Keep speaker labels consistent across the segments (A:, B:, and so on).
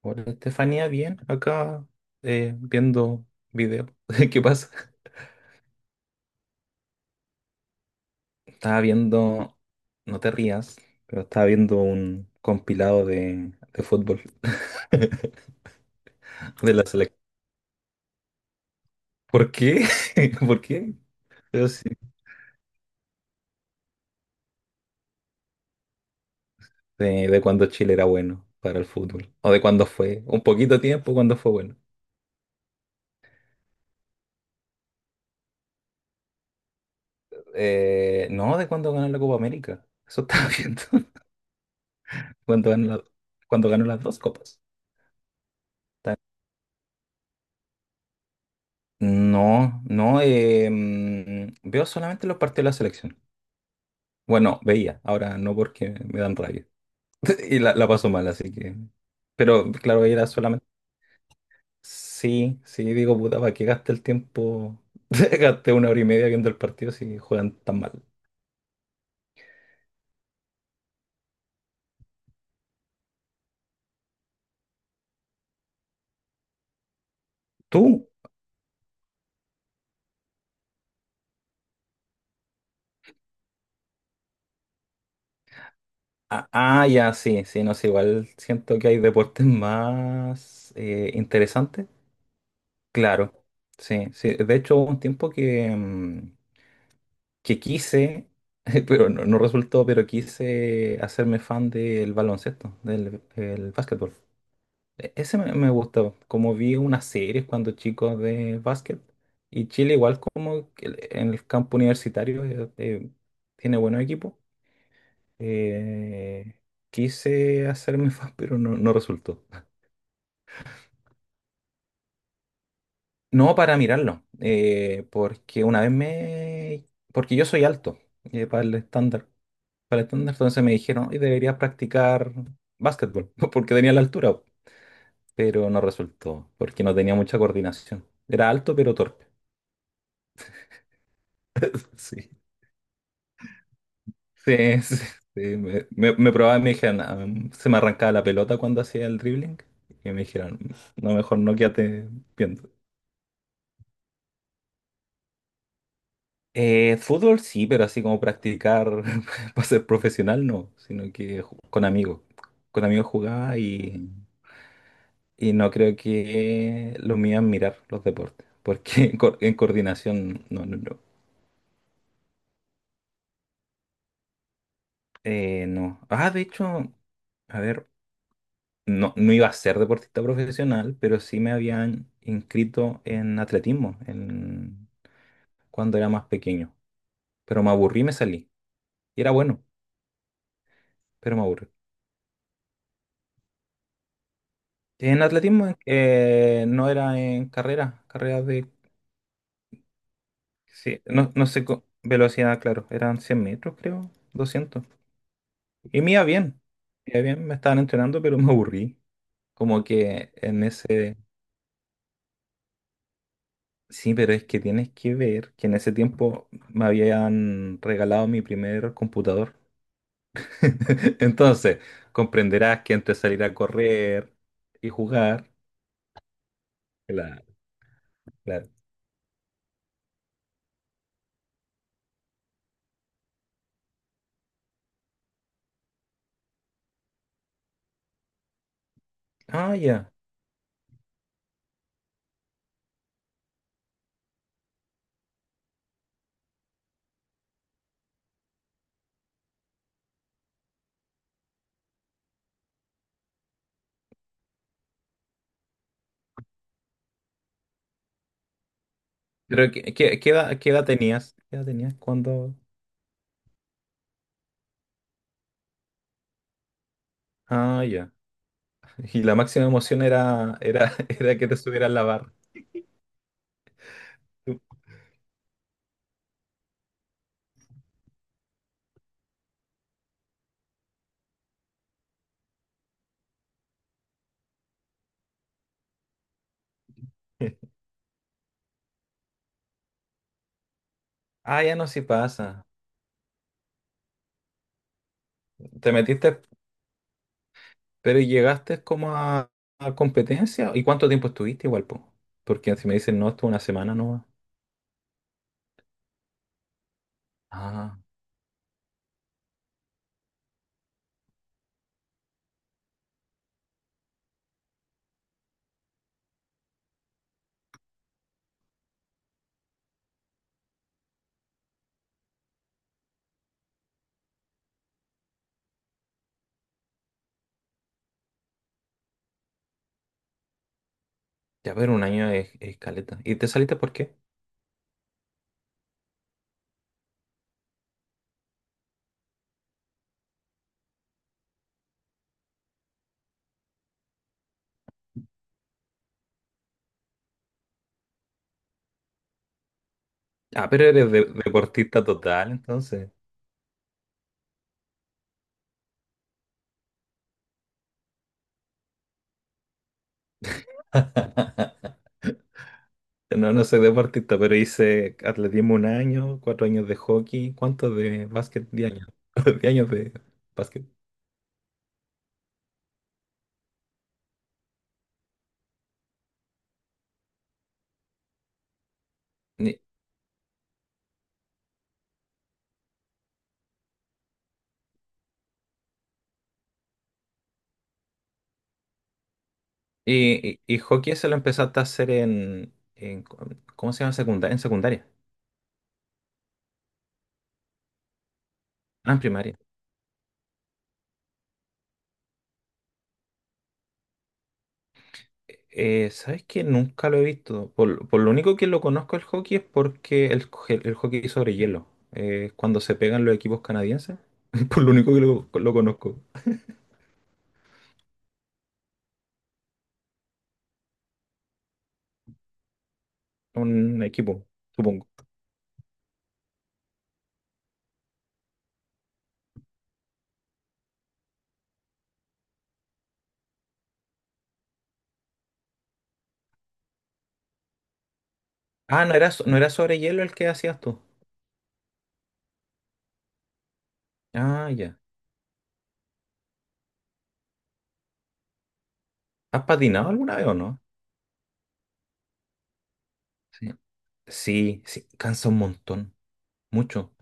A: Hola, Estefanía, bien, acá viendo video. ¿Qué pasa? Estaba viendo, no te rías, pero estaba viendo un compilado de fútbol de la selección. ¿Por qué? ¿Por qué? Pero sí, de cuando Chile era bueno para el fútbol. O de cuando fue, un poquito de tiempo cuando fue bueno. No, de cuando ganó la Copa América. Eso estaba viendo. Cuando ganó cuando ganó las dos copas. No, no, veo solamente los partidos de la selección. Bueno, veía, ahora no porque me dan rabia. Y la paso mal, así que. Pero claro, era solamente. Sí, sí, digo, puta, ¿para qué gasté el tiempo? Gasté una hora y media viendo el partido si juegan tan mal. ¿Tú? Ah, ah, ya, sí, sí, no sé, igual siento que hay deportes más interesantes. Claro, sí, sí. De hecho, hubo un tiempo que quise, pero no, no resultó, pero quise hacerme fan del baloncesto, del el básquetbol. Ese me gustó, como vi unas series cuando chicos de básquet, y Chile igual como que en el campo universitario tiene buenos equipos. eh, quise hacerme fan, pero no, no resultó. No para mirarlo, porque una vez me. Porque yo soy alto, para el estándar. Para el estándar, entonces me dijeron, y deberías practicar básquetbol, porque tenía la altura, pero no resultó, porque no tenía mucha coordinación. Era alto, pero torpe. Sí. Sí, sí, sí, Me probaba y me dijeron, "Ah, se me arrancaba la pelota cuando hacía el dribbling". Y me dijeron, no, mejor no, quédate viendo. Fútbol sí, pero así como practicar para ser profesional no, sino que con amigos. Con amigos jugaba. Y no creo que lo mío es mirar los deportes, porque en coordinación, no, no, no. No. Ah, de hecho, a ver, no, no iba a ser deportista profesional, pero sí me habían inscrito en atletismo cuando era más pequeño. Pero me aburrí y me salí. Y era bueno, pero me aburrí. En atletismo no era en carreras de. Sí, no, no sé, velocidad, claro, eran 100 metros, creo, 200. Y me iba bien, me iba bien, me estaban entrenando, pero me aburrí. Como que en ese. Sí, pero es que tienes que ver que en ese tiempo me habían regalado mi primer computador. Entonces, comprenderás que entre salir a correr y jugar, claro la- Ah, ya. Pero ¿qué edad, qué edad tenías? ¿Qué edad tenías cuando? Ah, ya. Y la máxima emoción era que te subieran la barra. Ah, ya, no, sí pasa. Te metiste. Pero ¿y llegaste como a competencia? ¿Y cuánto tiempo estuviste igual, po? Porque si me dicen, no, estuve una semana, no. Ah, ya, pero un año es caleta. ¿Y te saliste por qué? Ah, pero eres deportista total, entonces. No, no soy deportista, pero hice atletismo un año, 4 años de hockey, ¿cuántos de básquet? 10 años. 10 años de básquet. Y hockey se lo empezaste a hacer ¿cómo se llama? Secundaria, en secundaria. Ah, en primaria. ¿Sabes qué? Nunca lo he visto. Por lo único que lo conozco el hockey es porque el hockey sobre hielo. Cuando se pegan los equipos canadienses. Por lo único que lo conozco. Un equipo, supongo. Ah, ¿no era sobre hielo el que hacías tú? Ah, ya. ¿Has patinado alguna vez o no? Sí. Sí, sí, cansa un montón. Mucho.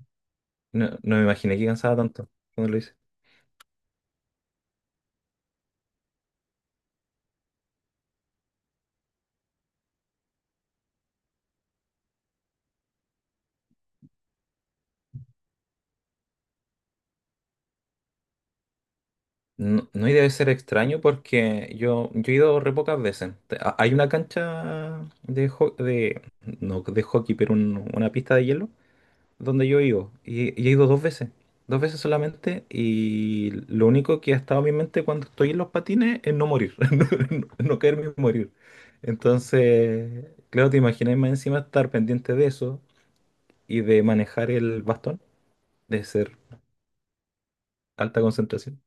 A: No, no me imaginé que cansaba tanto cuando lo hice. No, no, y debe ser extraño porque yo he ido re pocas veces. Hay una cancha de no de hockey, pero una pista de hielo donde yo he ido. Y he ido dos veces. Dos veces solamente. Y lo único que ha estado en mi mente cuando estoy en los patines es no morir. No, no caerme y morir. Entonces, claro, te imaginas más encima estar pendiente de eso y de manejar el bastón, de ser alta concentración.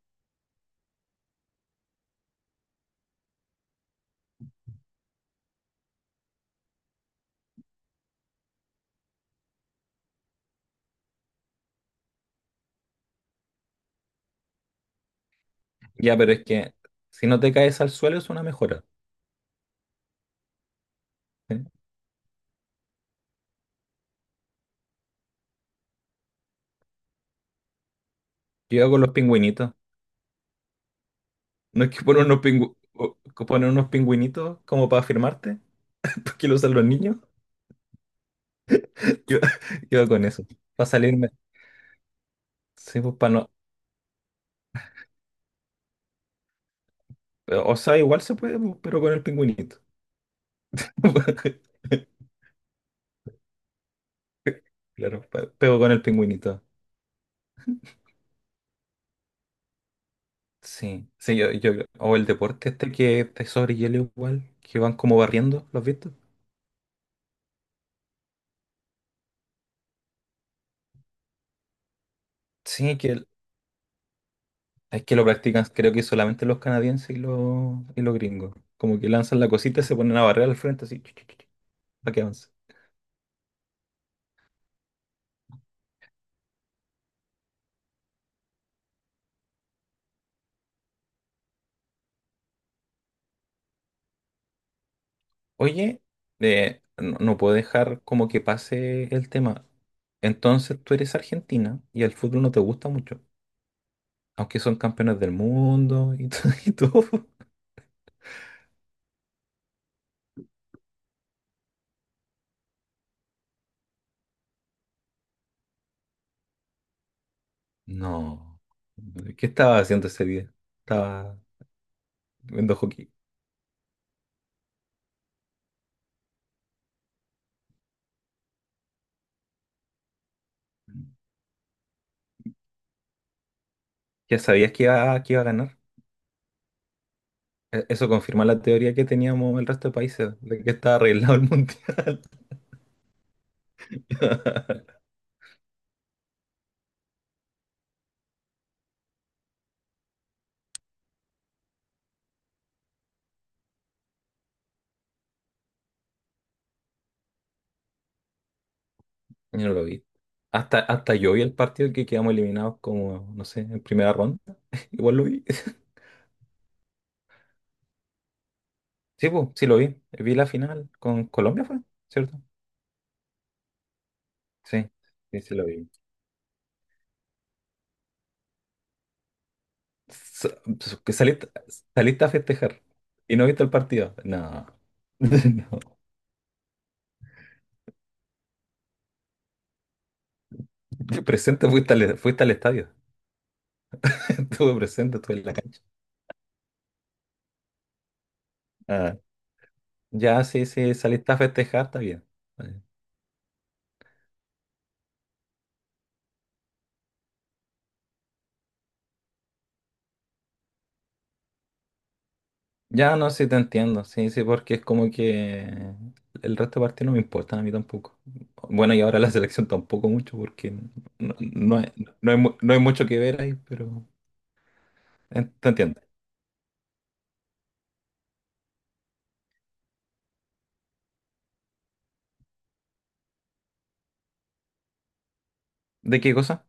A: Ya, pero es que si no te caes al suelo es una mejora. Sí. Yo hago los pingüinitos. No es que ponen unos pingüinitos como para firmarte, porque lo usan los niños. Yo, yo hago con eso. Para salirme. Sí, pues, para no. O sea, igual se puede, pues, pero con el pingüinito. Claro, pero con el pingüinito. Sí, sí, o el deporte este que es sobre hielo igual, que van como barriendo, ¿lo has visto? Sí, que es que lo practican, creo que solamente los canadienses y los gringos. Como que lanzan la cosita y se ponen a barrer al frente así, para que avance. Oye, no, no puedo dejar como que pase el tema. Entonces tú eres argentina y el fútbol no te gusta mucho, aunque son campeones del mundo y todo. No. ¿Qué estaba haciendo ese día? Estaba viendo hockey. ¿Ya sabías que iba a ganar? Eso confirma la teoría que teníamos el resto de países, de que estaba arreglado el mundial. Yo no lo vi. Hasta yo vi el partido que quedamos eliminados como, no sé, en primera ronda. Igual lo vi. Sí, pues, sí lo vi. Vi la final con Colombia, ¿fue? ¿Cierto? Sí, sí, sí lo vi. Sa- que saliste a festejar y no viste el partido. No. No. Presente, fuiste al estadio. Estuve presente, estuve en la cancha. Ah, ya, sí, sí, saliste a festejar, está bien. Ya, no, sí te entiendo. Sí, sí, porque es como que el resto de partidos no me importan a mí tampoco. Bueno, y ahora la selección tampoco mucho porque no, no hay, no hay mucho que ver ahí, pero. Te entiendo. ¿De qué cosa?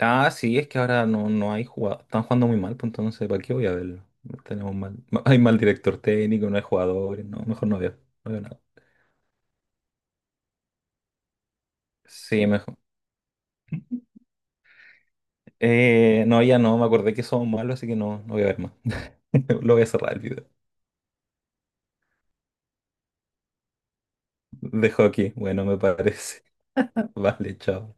A: Ah, sí, es que ahora no hay jugadores. Están jugando muy mal, pues entonces, ¿para qué voy a verlo? Tenemos mal. Hay mal director técnico, no hay jugadores, no, mejor no veo. No veo nada. Sí, mejor. No, ya no, me acordé que somos malos, así que no, no voy a ver más. Lo voy a cerrar el video. Dejo aquí. Bueno, me parece. Vale, chao.